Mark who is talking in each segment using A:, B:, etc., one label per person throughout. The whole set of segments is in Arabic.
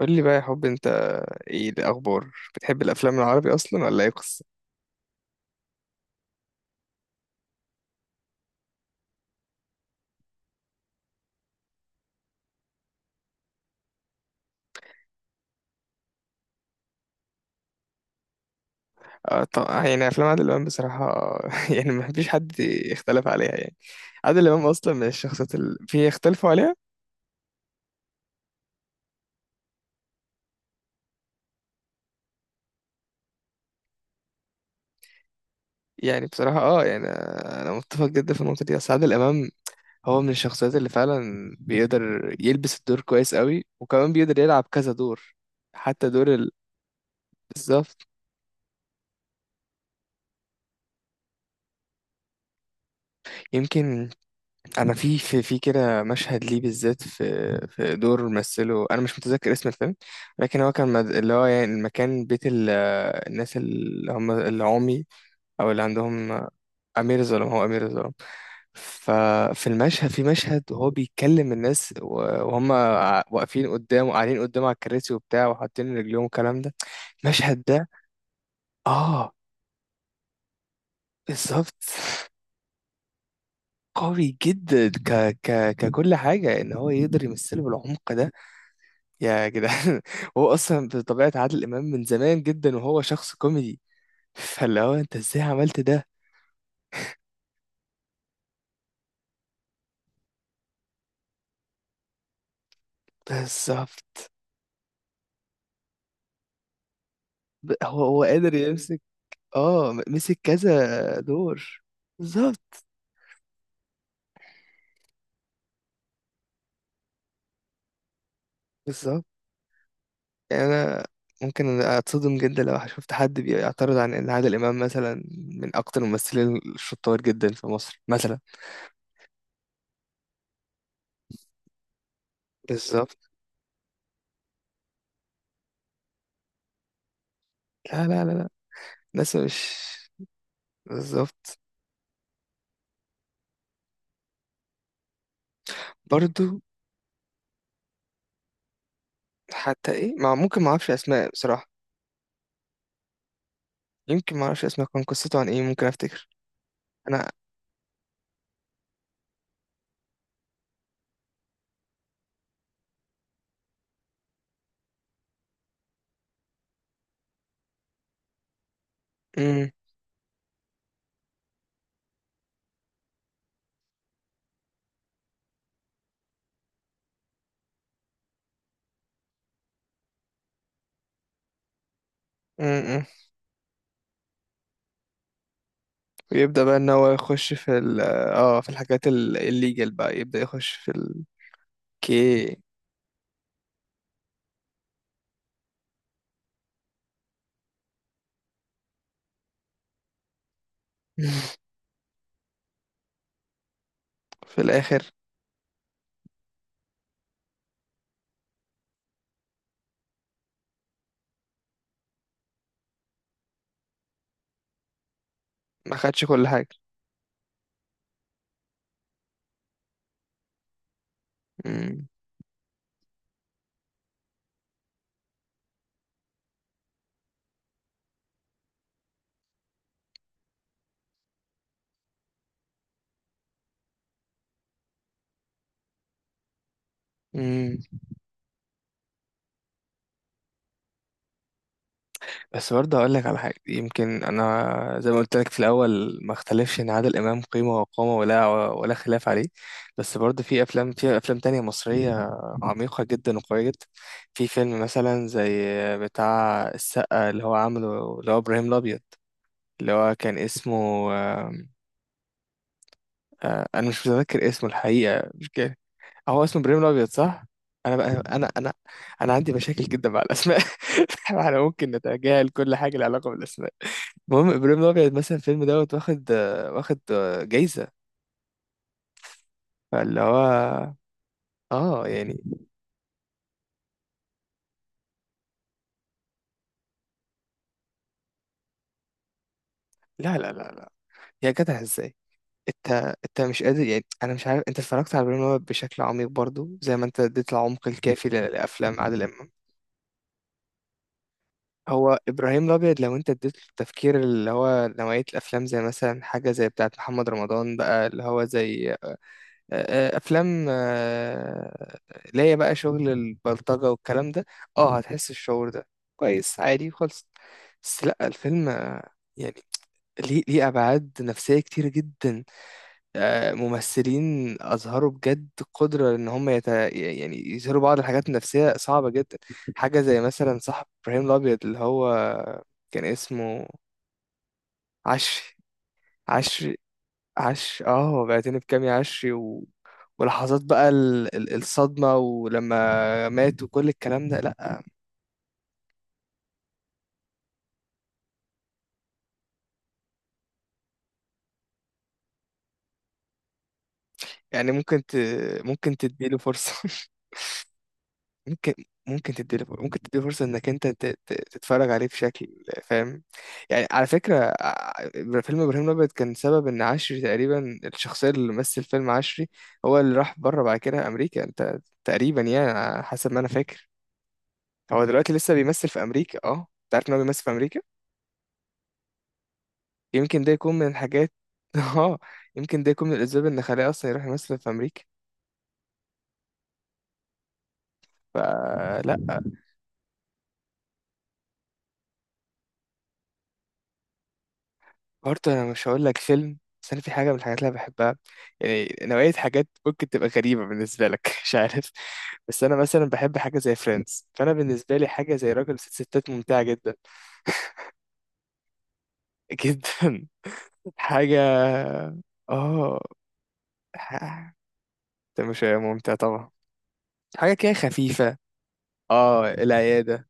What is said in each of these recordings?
A: قول لي بقى يا حب، انت ايه الاخبار؟ بتحب الافلام العربي اصلا ولا ايه قصه؟ آه، طب يعني افلام عادل امام بصراحه يعني ما فيش حد يختلف عليها، يعني عادل امام اصلا من الشخصيات اللي في يختلفوا عليها. يعني بصراحه، يعني انا متفق جدا في النقطه دي. اصل عادل امام هو من الشخصيات اللي فعلا بيقدر يلبس الدور كويس قوي، وكمان بيقدر يلعب كذا دور، حتى دور ال. بالظبط. يمكن، انا في كده مشهد ليه بالذات، في في دور مثله، انا مش متذكر اسم الفيلم. لكن هو كان اللي هو يعني المكان بيت الناس اللي هم العمي، او اللي عندهم. امير الظلام، هو امير الظلام. ففي المشهد في مشهد وهو بيكلم الناس وهم واقفين قدامه، قاعدين قدامه على الكراسي وبتاع، وحاطين رجليهم والكلام ده، المشهد ده. اه. بالظبط. قوي جدا، ك ك ككل حاجه، ان هو يقدر يمثله بالعمق ده، يا جدعان. هو اصلا بطبيعه عادل امام من زمان جدا وهو شخص كوميدي، فاللي هو انت ازاي عملت ده؟ بالظبط. هو قادر يمسك. اه مسك كذا دور. بالظبط، بالظبط. يعني انا ممكن اتصدم جدا لو شفت حد بيعترض عن ان عادل امام مثلا من اكتر الممثلين الشطار جدا في مصر مثلا. بالظبط. لا، لا، لا، لا. ناس مش بالظبط، برضو. حتى ايه مع؟ ممكن ما اعرفش اسماء بصراحه. يمكن ما اعرفش اسمه، كان قصته عن ايه؟ ممكن افتكر انا. امم. امم. ويبدا بقى ان هو يخش في الحاجات الليجل، بقى يبدا يخش في الكي. في الاخر. ما خدش كل حاجه. امم. بس برضه هقول لك على حاجة، يمكن أنا زي ما قلت لك في الأول، ما اختلفش إن عادل إمام قيمة وقامة، ولا خلاف عليه. بس برضه في أفلام تانية مصرية، عميقة جدا وقوية جدا. في فيلم مثلا زي بتاع السقا اللي هو عامله، اللي هو إبراهيم الأبيض، اللي هو كان اسمه. أنا مش متذكر اسمه الحقيقة، مش كده. هو اسمه إبراهيم الأبيض صح؟ أنا بقى أنا أنا عندي مشاكل جدا مع الأسماء. إحنا ممكن نتجاهل كل حاجة لها علاقة بالأسماء. المهم ابراهيم الابيض مثلا، الفيلم دوت واخد جايزه، فاللي هو، اه يعني. لا، لا، لا، لا، يا جدع، ازاي؟ انت مش قادر، يعني انا مش عارف انت اتفرجت على ابراهيم الابيض بشكل عميق برضو زي ما انت اديت العمق الكافي لافلام عادل امام. هو ابراهيم الابيض لو انت اديت له التفكير، اللي هو نوعيه الافلام زي مثلا حاجه زي بتاعه محمد رمضان بقى، اللي هو زي افلام اللي هي بقى شغل البلطجه والكلام ده، اه هتحس الشعور ده كويس، عادي خالص. بس لا، الفيلم يعني، ليه ابعاد نفسيه كتير جدا. ممثلين اظهروا بجد قدره ان هم يعني يظهروا بعض الحاجات النفسيه صعبه جدا. حاجه زي مثلا صاحب ابراهيم الابيض اللي هو كان اسمه. عشري، عشري. عش اه بعتني بكام يا عشري، ولحظات بقى الصدمة، ولما مات وكل الكلام ده. لأ. يعني ممكن ممكن تديله فرصة. ممكن ممكن تديله فرصة. ممكن تديله فرصة انك انت تتفرج عليه بشكل فاهم. يعني على فكرة، فيلم ابراهيم الابيض كان سبب ان عشري تقريبا، الشخصية اللي مثل فيلم عشري، هو اللي راح بره بعد كده امريكا، انت. تقريبا يعني على حسب ما انا فاكر، هو دلوقتي لسه بيمثل في امريكا، اه. انت عارف ان هو بيمثل في امريكا؟ يمكن ده يكون من الحاجات. اه. يمكن ده يكون من الأسباب إن خلاه أصلا يروح يمثل في أمريكا. فلا، برضه أنا مش هقول لك فيلم، بس أنا في حاجة من الحاجات اللي أنا بحبها، يعني نوعية حاجات ممكن تبقى غريبة بالنسبة لك. مش عارف، بس أنا مثلا بحب حاجة زي فريندز، فأنا بالنسبة لي حاجة زي راجل وست ستات ممتعة جدا. جدا. حاجة، اه ح- ده مش ممتع طبعا، حاجة كده خفيفة. اه، العيادة.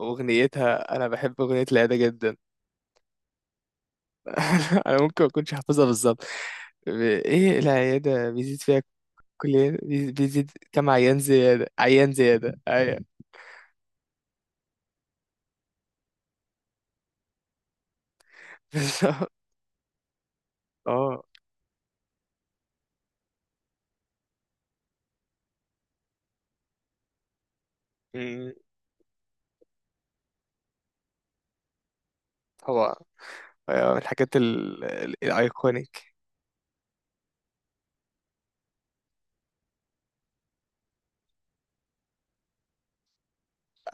A: أغنيتها، أنا بحب أغنية العيادة جدا. انا ممكن ما اكونش حافظها بالظبط، ايه العياده بيزيد فيها؟ كل بيزيد كم عيان زياده، عيان زياده، ايوه. بالظبط. اه. أمم. طبعا. أيوة، من الحاجات الايكونيك.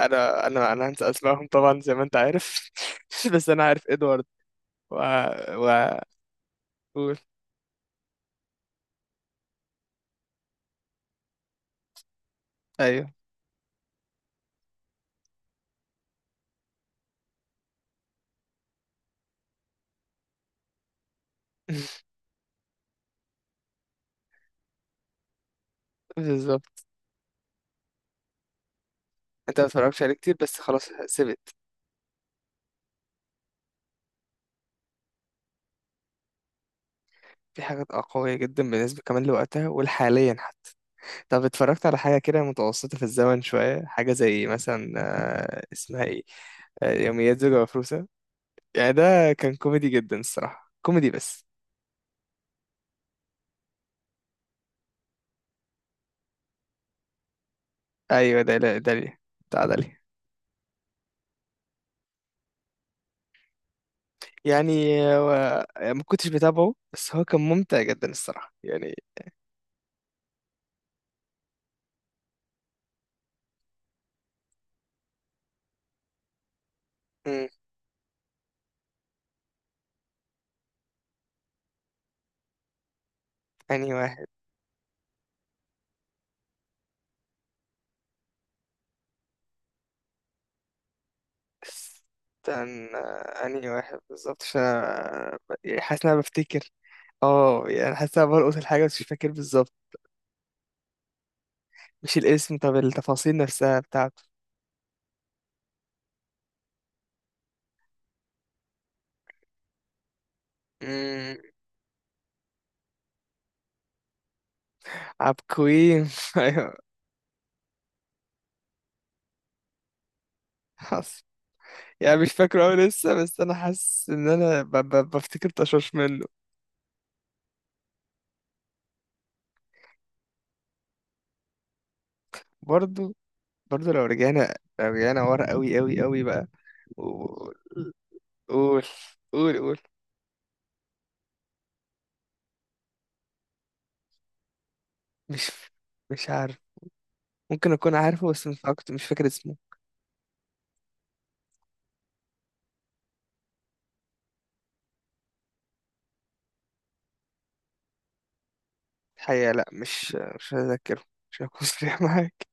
A: انا هنسى اسمائهم طبعا، زي ما انت عارف. بس انا عارف ادوارد و و قول. ايوه. بالظبط. انت ما اتفرجتش عليه كتير، بس خلاص سبت. في حاجات قوية جدا بالنسبة كمان لوقتها والحاليا. طب، اتفرجت على حاجة كده متوسطة في الزمن شوية، حاجة زي مثلا اسمها ايه، يوميات زوجة مفروسة؟ يعني ده كان كوميدي جدا الصراحة، كوميدي بس. ايوه ده، لا ده ليه. بتاع ده ليه. يعني ما كنتش بتابعه، بس هو كان ممتع جدا الصراحة، يعني. مم. انهي واحد؟ استنى، انهي واحد بالظبط، عشان يعني حاسس ان انا بفتكر. اه، يعني حاسس ان انا بلقط الحاجة بس مش فاكر بالظبط. مش الاسم، طب التفاصيل نفسها بتاعته. عبقوين؟ ايوه، حصل. يعني مش فاكره أوي لسه، بس انا حاسس ان انا بفتكر طشاش منه. برضو، برضو، لو رجعنا ورا قوي قوي قوي بقى. قول، قول، قول، قول. مش مش عارف. ممكن اكون عارفه بس مش فاكر، مش فاكر اسمه الحقيقة. لا، مش هذاكره، مش هكون صريح معاك،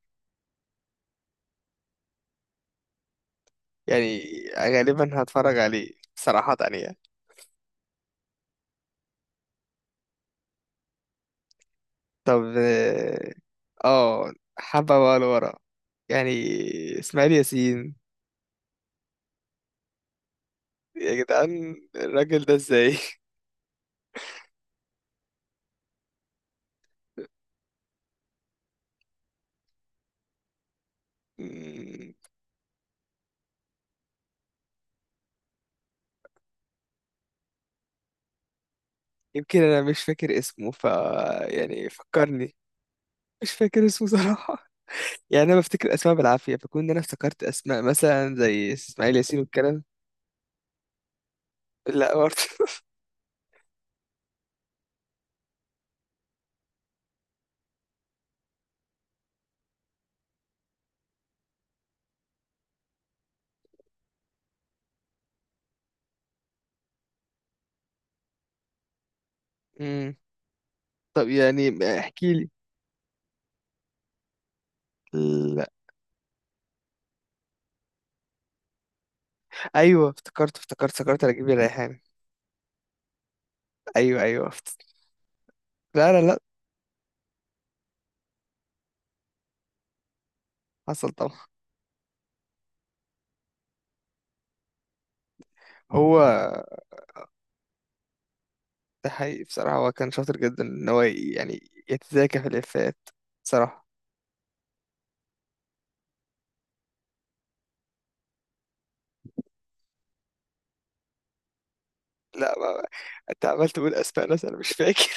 A: يعني. غالبا هتفرج عليه صراحة، يعني. طب، اه. حبة بقى لورا، يعني، اسماعيل ياسين، يا جدعان الراجل ده ازاي؟ مم. يمكن انا مش فاكر اسمه، ف يعني فكرني. مش فاكر اسمه صراحة. يعني انا بفتكر اسماء بالعافية، فكون انا افتكرت اسماء مثلا زي اسماعيل ياسين والكلام. لا، برضه. مم. طب يعني، احكي لي. لا، ايوه، افتكرت، افتكرت، افتكرت رجب الريحان. ايوه، ايوه، افتكرت. لا، لا، لا. حصل طبعا. هو ده حقيقي بصراحة، هو كان شاطر جدا ان هو يعني يتذاكى في الافيهات بصراحة. لا، انت عمال تقول اسماء ناس انا مش فاكر.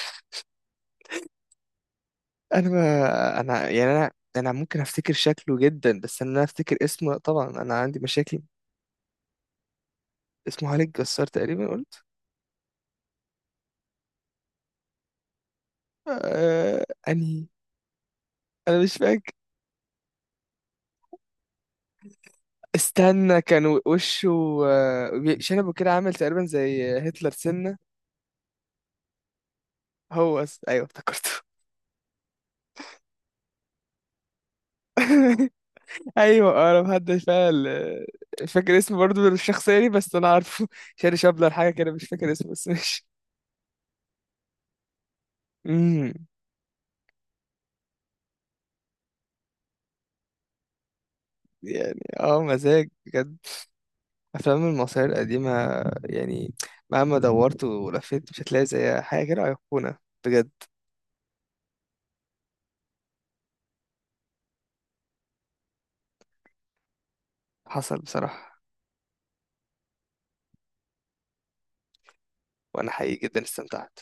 A: انا ما انا يعني انا انا ممكن افتكر شكله جدا، بس ان انا افتكر اسمه لأ، طبعا انا عندي مشاكل. اسمه خالد جسار تقريبا، قلت. انهي؟ انا مش فاكر. استنى، كان وشه شنبه كده، عامل تقريبا زي هتلر سنة. هو ايوه، افتكرته. ايوه، انا محدش فعلا، مش فاكر اسمه برضه الشخصية دي، بس انا عارفه. شاري شابلر حاجة كده، مش فاكر اسمه، بس مش. مم. يعني، مزاج بجد افلام المصرية القديمة. يعني مهما دورت ولفيت مش هتلاقي زيها، حاجة كده أيقونة بجد. حصل بصراحة. وانا حقيقي جدا استمتعت.